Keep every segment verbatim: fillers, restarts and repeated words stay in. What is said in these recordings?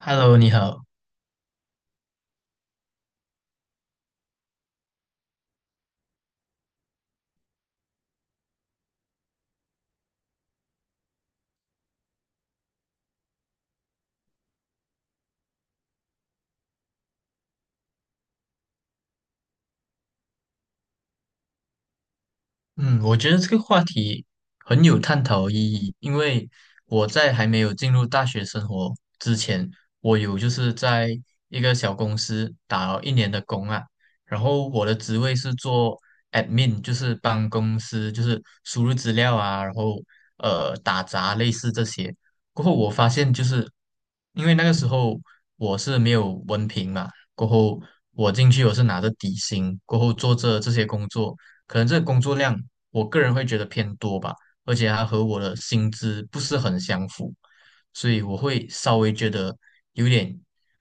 Hello，你好。嗯，我觉得这个话题很有探讨意义，因为我在还没有进入大学生活之前，我有就是在一个小公司打了一年的工啊，然后我的职位是做 admin，就是帮公司就是输入资料啊，然后呃打杂类似这些。过后我发现就是因为那个时候我是没有文凭嘛，过后我进去我是拿着底薪，过后做着这些工作。可能这个工作量我个人会觉得偏多吧，而且它和我的薪资不是很相符，所以我会稍微觉得有点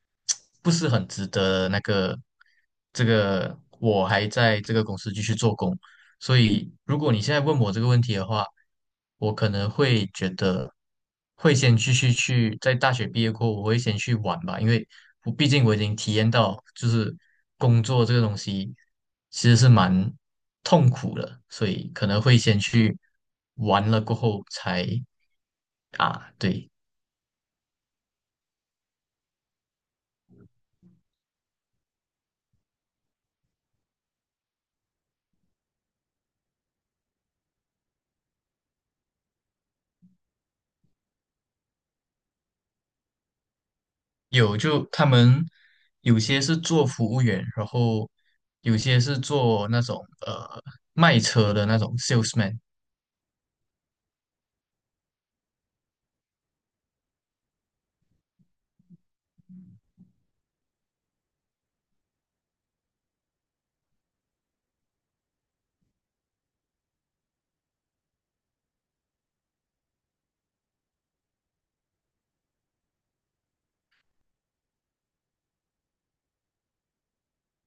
不是很值得那个这个我还在这个公司继续做工，所以，如果你现在问我这个问题的话，我可能会觉得会先继续去，在大学毕业过后，我会先去玩吧，因为我毕竟我已经体验到，就是工作这个东西其实是蛮痛苦的，所以可能会先去玩了过后才啊，对，有就他们有些是做服务员，然后有些是做那种呃卖车的那种 salesman。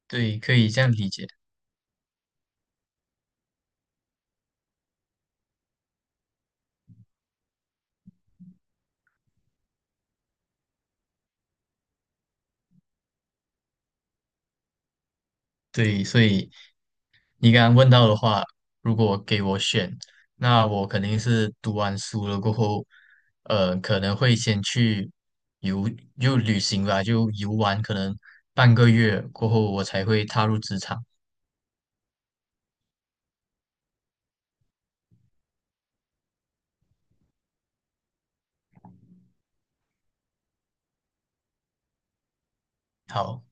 对，可以这样理解。对，所以你刚刚问到的话，如果给我选，那我肯定是读完书了过后，呃，可能会先去游，就旅行吧，就游玩，可能半个月过后，我才会踏入职场。好，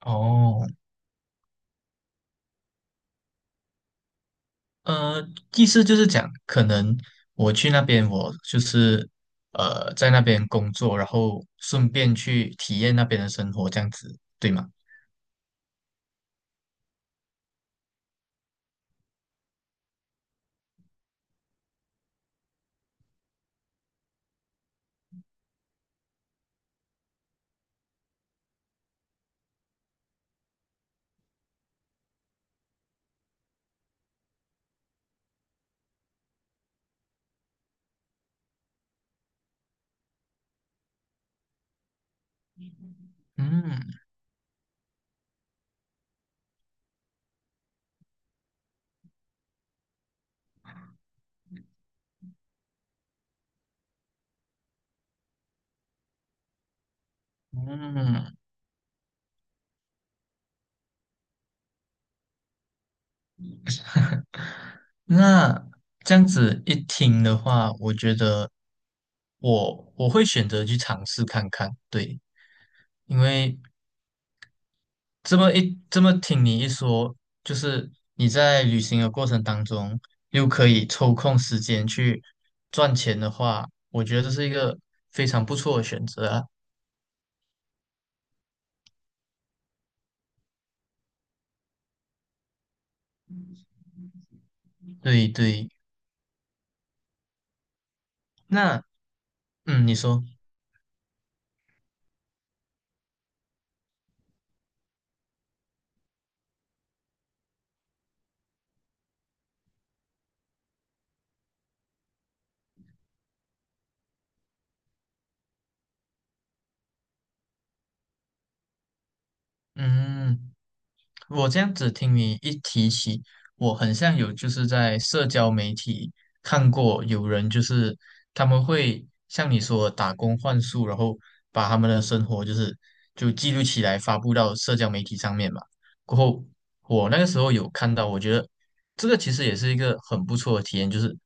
哦，呃，意思就是讲，可能我去那边，我就是呃，在那边工作，然后顺便去体验那边的生活，这样子，对吗？嗯嗯，那这样子一听的话，我觉得我我会选择去尝试看看，对，因为这么一这么听你一说，就是你在旅行的过程当中又可以抽空时间去赚钱的话，我觉得这是一个非常不错的选择啊。对对，那嗯，你说，嗯。我这样子听你一提起，我很像有就是在社交媒体看过有人就是他们会像你说的打工换宿，然后把他们的生活就是就记录起来发布到社交媒体上面嘛。过后我那个时候有看到，我觉得这个其实也是一个很不错的体验，就是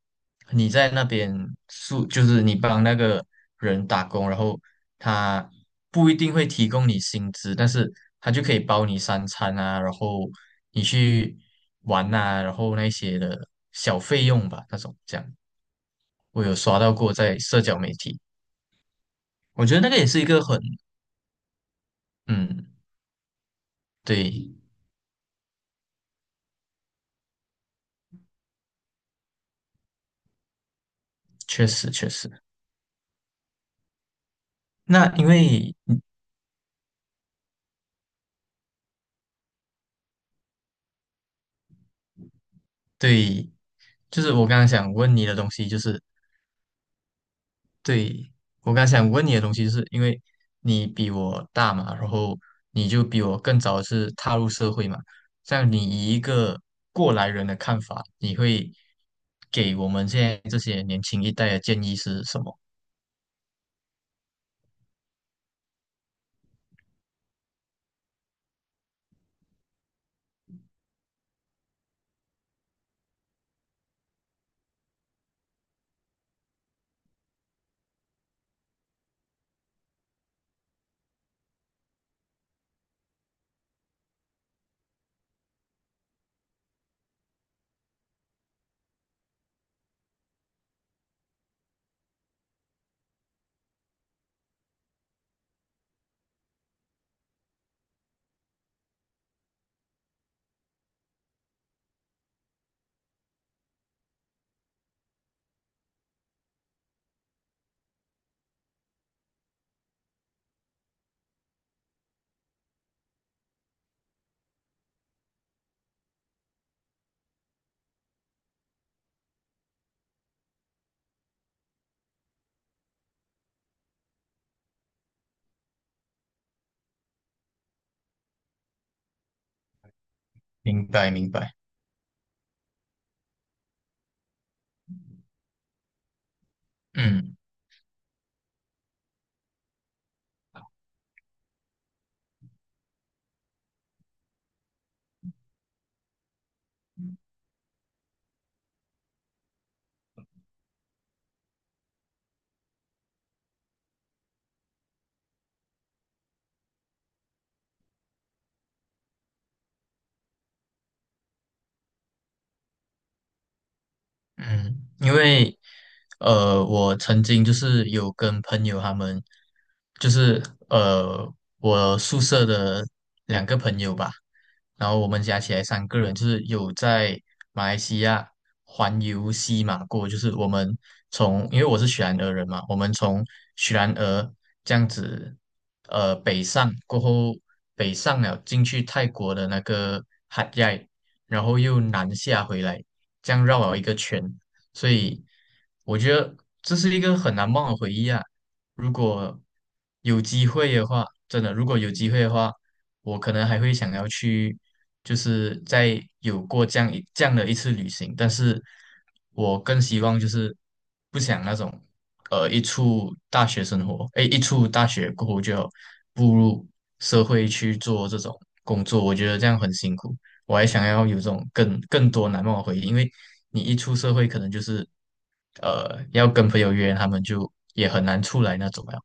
你在那边住，就是你帮那个人打工，然后他不一定会提供你薪资，但是他就可以包你三餐啊，然后你去玩啊，然后那些的小费用吧，那种这样，我有刷到过在社交媒体，我觉得那个也是一个很，嗯，对，确实确实。那因为对，就是我刚刚想问你的东西，就是对，我刚想问你的东西，是因为你比我大嘛，然后你就比我更早是踏入社会嘛。像你以一个过来人的看法，你会给我们现在这些年轻一代的建议是什么？明白，明白。嗯。嗯，因为呃，我曾经就是有跟朋友他们，就是呃，我宿舍的两个朋友吧，然后我们加起来三个人，就是有在马来西亚环游西马过，就是我们从，因为我是雪兰莪人嘛，我们从雪兰莪这样子呃北上过后，北上了进去泰国的那个海亚，然后又南下回来，这样绕了一个圈。所以我觉得这是一个很难忘的回忆啊。如果有机会的话，真的，如果有机会的话，我可能还会想要去，就是再有过这样一这样的一次旅行，但是我更希望就是不想那种，呃，一出大学生活，哎，一出大学过后就要步入社会去做这种工作，我觉得这样很辛苦。我还想要有这种更更多难忘的回忆，因为你一出社会，可能就是呃要跟朋友约，他们就也很难出来那种了。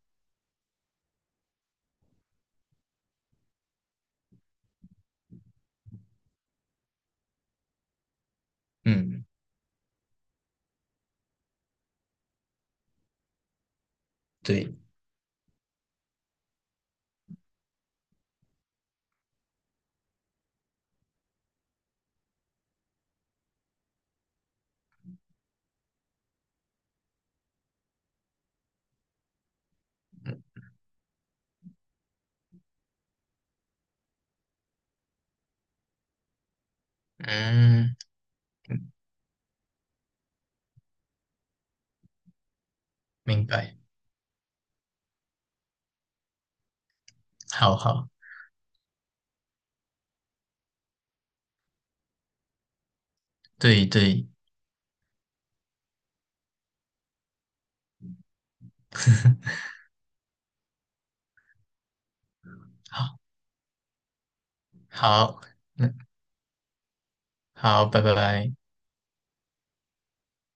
嗯，对，嗯，明白，好好，对对，好，好，那好，拜拜拜。